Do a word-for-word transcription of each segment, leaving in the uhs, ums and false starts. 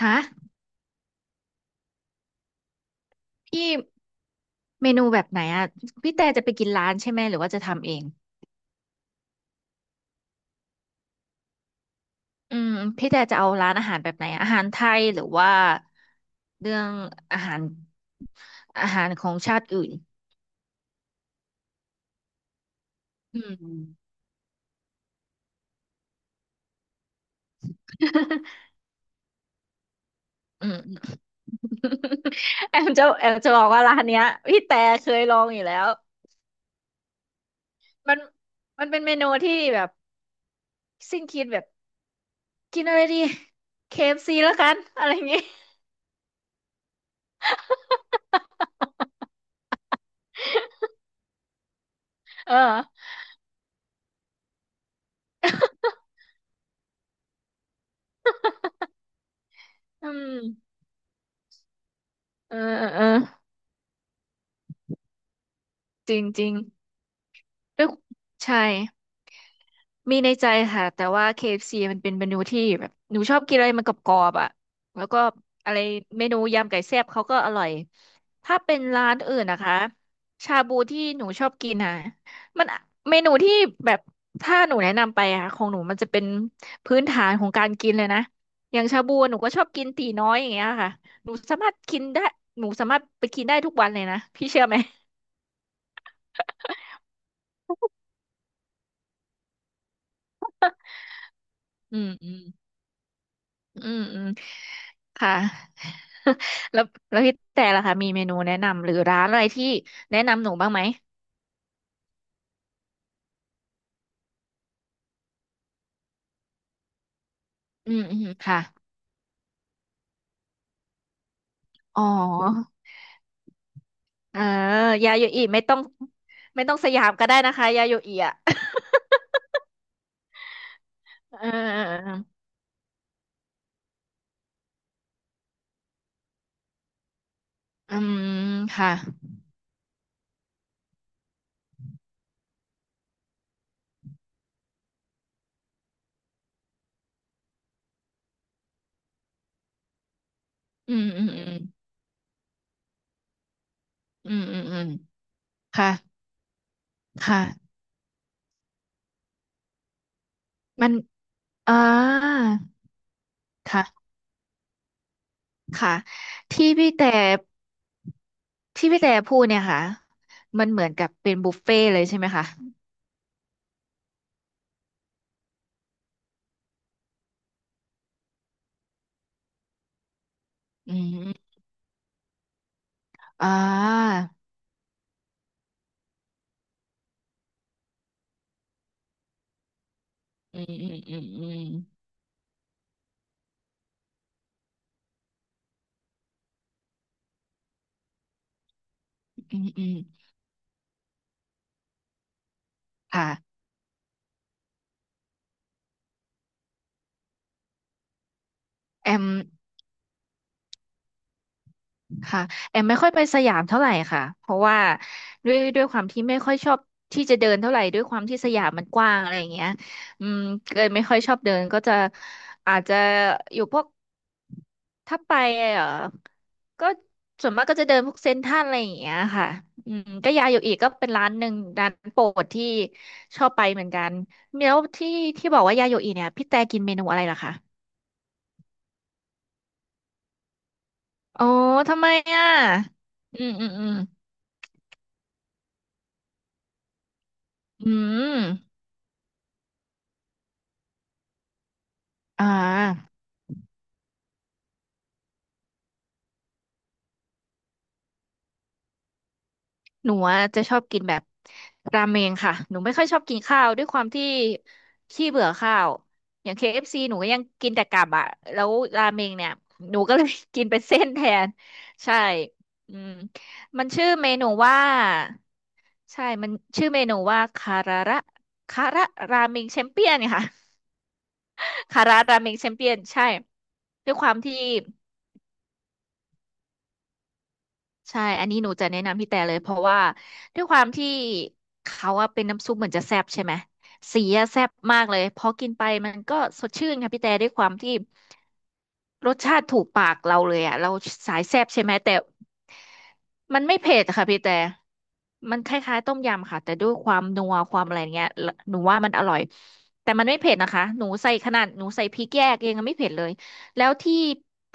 ฮะพี่เมนูแบบไหนอ่ะพี่แต่จะไปกินร้านใช่ไหมหรือว่าจะทำเองอืมพี่แต่จะเอาร้านอาหารแบบไหนอะอาหารไทยหรือว่าเรื่องอาหารอาหารของชาติอื่นอืมอืม แอมจะแอมจะบอกว่าร้านเนี้ยพี่แต่เคยลองอยู่แล้วมันมันเป็นเมนูที่แบบสิ้นคิดแบบกินอะไรดีเคเอฟซีแล้วกันอะไรอย่างงี้เอออืมเออเออเออจริงจริง ด้วยใช่มีในใจค่ะแต่ว่า เค เอฟ ซี มันเป็นเมนูที่แบบหนูชอบกินอะไรมันกรอบๆอ่ะแล้วก็อะไรเมนูยำไก่แซ่บเขาก็อร่อยถ้าเป็นร้านอื่นนะคะชาบูที่หนูชอบกินอ่ะมันเมนูที่แบบถ้าหนูแนะนำไปอ่ะของหนูมันจะเป็นพื้นฐานของการกินเลยนะอย่างชาบูหนูก็ชอบกินตีน้อยอย่างเงี้ยค่ะหนูสามารถกินได้หนูสามารถไปกินได้ทุกวันเลยนะพี่เชื่อไหมอืมอืม อืมอืมค่ะ แล้วแล้วพี่แต่ล่ะคะมีเมนูแนะนำหรือร้านอะไรที่แนะนำหนูบ้างไหมอืมอืมค่ะอ๋อเออยาโยอิไม่ต้องไม่ต้องสยามก็ได้นะคะยาโยอิอ่ะ เออเออเอออืมค่ะอืมอืมอืมอืมอืมอืมค่ะค่ะมันอ่าค่ะค่ะที่พี่แต่ที่พี่แต่พูดเนี่ยค่ะมันเหมือนกับเป็นบุฟเฟ่ต์เลยใช่ไหมคะอืม อ่าอืมอืมอืมอืมอืมอืมค่ะแอมค่ะแอมไม่ค่อยไปสยามเท่าไหร่ค่ะเพราะว่าด้วยด้วยความที่ไม่ค่อยชอบที่จะเดินเท่าไหร่ด้วยความที่สยามมันกว้างอะไรอย่างเงี้ยอืมเกิดไม่ค่อยชอบเดินก็จะอาจจะอยู่พวกถ้าไปเออก็ส่วนมากก็จะเดินพวกเซ็นทรัลอะไรอย่างเงี้ยค่ะอืมก็ยาโยอิก็เป็นร้านหนึ่งร้านโปรดที่ชอบไปเหมือนกันแล้วที่ที่บอกว่ายาโยอิเนี่ยพี่แต่กินเมนูอะไรล่ะคะ อ๋อทำไมอ่ะ อืมอืมอืมอืมอ่าหนูอะจะชอบกินแบบราเมงค่ะหนูไม่ค่อยชอบกินข้าวด้วยความที่ขี้เบื่อข้าวอย่าง เค เอฟ ซี หนูก็ยังกินแต่กลับอ่ะแล้วราเมงเนี่ยหนูก็เลย กินเป็นเส้นแทนใช่อืมมันชื่อเมนูว่าใช่มันชื่อเมนูว่าคาราระคาระราเมงแชมเปี้ยนค่ะคาราราเมงแชมเปี้ยนใช่ด้วยความที่ ใช่ อันนี้หนูจะแนะนำพี่แต่เลยเพราะว่าด้วยความที่เขาอะเป็นน้ำซุปเหมือนจะแซ่บใช่ไหมสีอะแซ่บมากเลยพอกินไปมันก็สดชื่นค่ะพี่แต่ด้วยความที่รสชาติถูกปากเราเลยอะเราสายแซ่บใช่ไหมแต่มันไม่เผ็ดค่ะพี่แต่มันคล้ายๆต้มยำค่ะแต่ด้วยความนัวความอะไรเงี้ยหนูว่ามันอร่อยแต่มันไม่เผ็ดนะคะหนูใส่ขนาดหนูใส่พริกแยกเองยังไม่เผ็ดเลยแล้วที่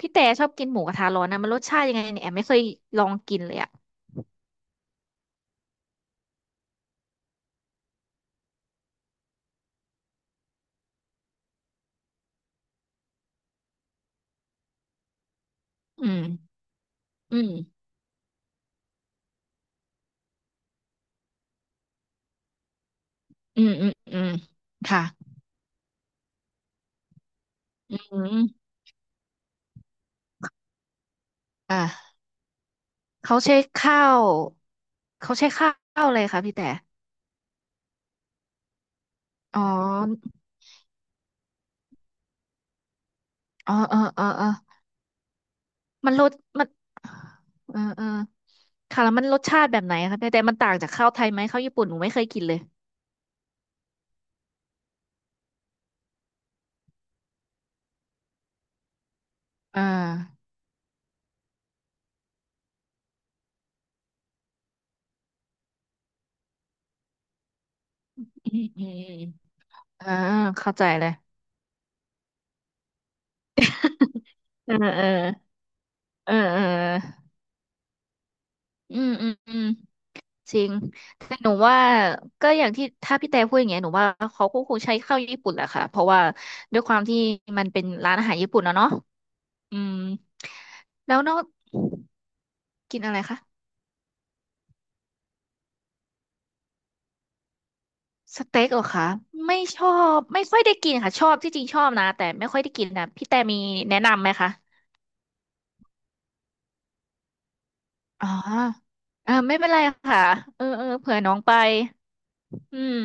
พี่แต่ชอบกินหมูกระทะร้อนนะมันรสชาติยังไงเนี่ยแอมไม่เคยลองกินเลยอะ อืมอืมอืมอืมอืมค่ะอืมอ่าเขาใช้ข้าว เขาใช้ข้าวอะไรคะพี่แต่อ๋ออ๋อเออเออเออมันรสมันเออเออค่ะแล้วมันรสชาติแบบไหนคะพี่แต่มันต่างจากข้าวไทยไหมข้าวญี่ปุ่นหนูไม่เคยกินเลยอ่าอืมอืมอืมอ่าเข้าใจเลย เออเออเออเอออืมอืมอืม จริงแต่หนูว่าก็อย่างที่ถ้าพี่แต่พูดอย่างเงี้ยหนูว่าเขาก็คงใช้ข้าวญี่ปุ่นแหละค่ะเพราะว่าด้วยความที่มันเป็นร้านอาหารญี่ปุ่นนะเนาะอืมแล้วนอกกินอะไรคะสเต็กเหรอคะไม่ชอบไม่ค่อยได้กินค่ะชอบที่จริงชอบนะแต่ไม่ค่อยได้กินนะพี่แต่มีแนะนำไหมคะอ๋อเออไม่เป็นไรค่ะเออเออเผื่อน้องไปอืม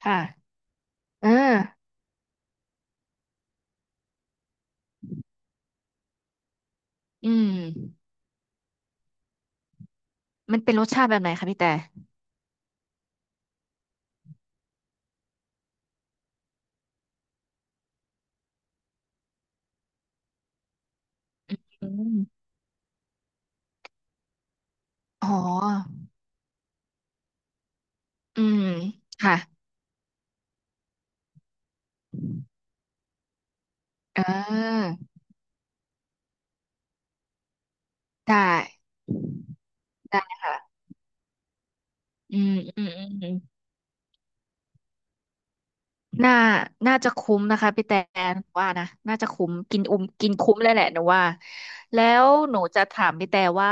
ค่ะเอออืมมันเป็นรสชาติแบบไหนคะพี่แต่อืมอ๋อ อืมค่ะอ่าได้ได้ค่ะอืมอืมอืมอืมน่าน่าจะคุ้มนะคะพี่แตหนว่านะน่าจะคุ้มกินอุ้มกินคุ้มเลยแหละหนูว่าแล้วหนูจะถามพี่แต่ว่า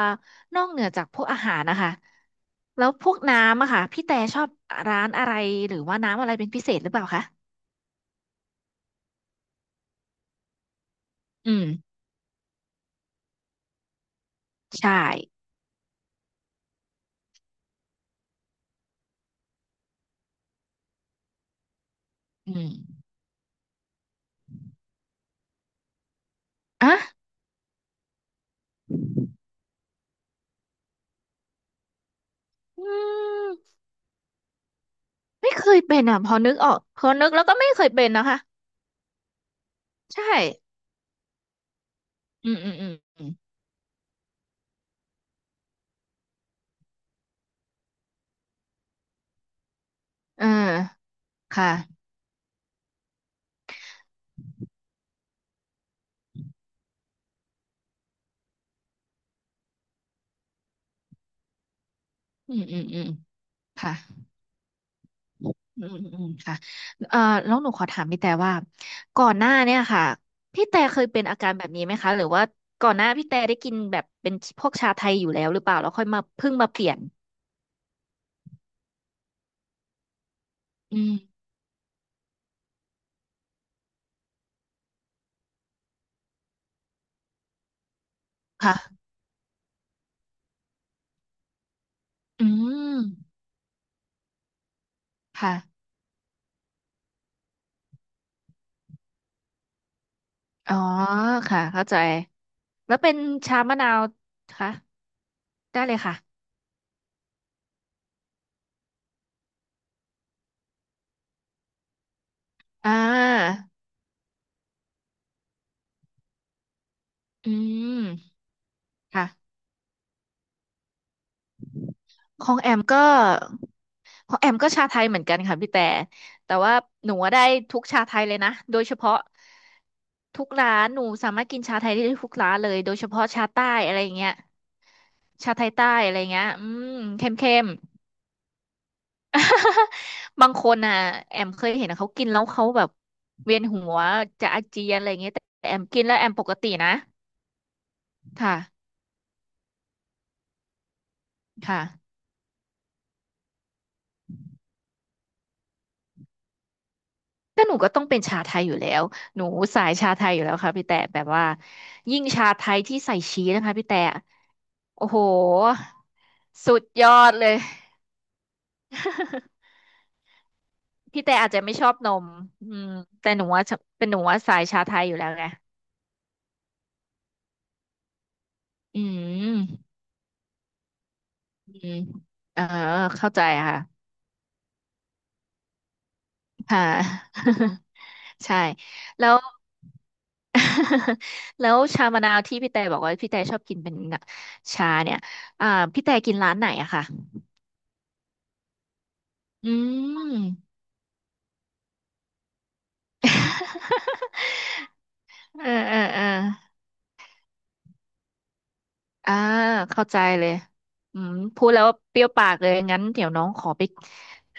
นอกเหนือจากพวกอาหารนะคะแล้วพวกน้ำอะค่ะพี่แต่ชอบร้านอะไรหรือว่าน้ำอะไรเป็นพิเศษหรือเปล่าคะอืมใช่อืมอ่ะอืมไม่เคยเป็นอ่ะพอนึกออกพอนึกแล้วก็ไม่เคยเป็นนะคะใช่อืมอืมอืม เออค่ะอืมอืมอืมค่ะอืมอืมอืมค่ะเอ่อแล้วหนูขอถามพี่แต่ว่าก่อนหน้าเนี่ยค่ะพี่แต่เคยเป็นอาการแบบนี้ไหมคะหรือว่าก่อนหน้าพี่แต่ได้กินแบบเป็นพวกชาไทยอยู่แล้วหรือเปล่าแล้วค่อยมาเพิ่งมาเปลี่ยนอืมค่ะอืมค่ะอ๋อค่ะเข้าใจแล้วเป็นชามะนาวคะได้เลยค่ะอ่าอืมค่ะของแอมก็ ของแอมก็ชาไทยเหมือนกันค่ะพี่แต่แต่ว่าหนูอะได้ทุกชาไทยเลยนะโดยเฉพาะทุกร้านหนูสามารถกินชาไทยได้ทุกร้านเลยโดยเฉพาะชาใต้อะไรเงี้ยชาไทยใต้อะไรเงี้ยอืมเข้มเข้มบางคนอ่ะแอมเคยเห็นเขากินแล้วเขาแบบเวียนหัวจะอาเจียนอะไรเงี้ยแต่แต่แอมกินแล้วแอมปกตินะค่ะค่ะก็หนูก็ต้องเป็นชาไทยอยู่แล้วหนูสายชาไทยอยู่แล้วค่ะพี่แต่แบบว่ายิ่งชาไทยที่ใส่ชีสนะคะพี่แต่ โอ้โหสุดยอดเลย พี่แต่อาจจะไม่ชอบนมอืมแต่หนูว่าชอบเป็นหนูว่าสายชาไทยอยู่แล้วไงอืมอืมเออเข้าใจค่ะค่ะ ใช่แล้ว แล้วชามะนาวที่พี่แต่บอกว่าพี่แต่ชอบกินเป็นชาเนี่ยอ่าพี่แต่กินร้านไหนอะค่ะอืม เออเออเออ อ่าเข้าใจเลยอืมพูดแล้วว่าเปรี้ยวปากเลยงั้นเดี๋ยวน้องขอไป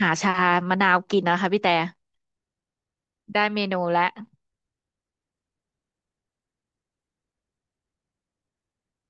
หาชามะนาวกินนะคะพี่แต่ได้เมนูแล้ว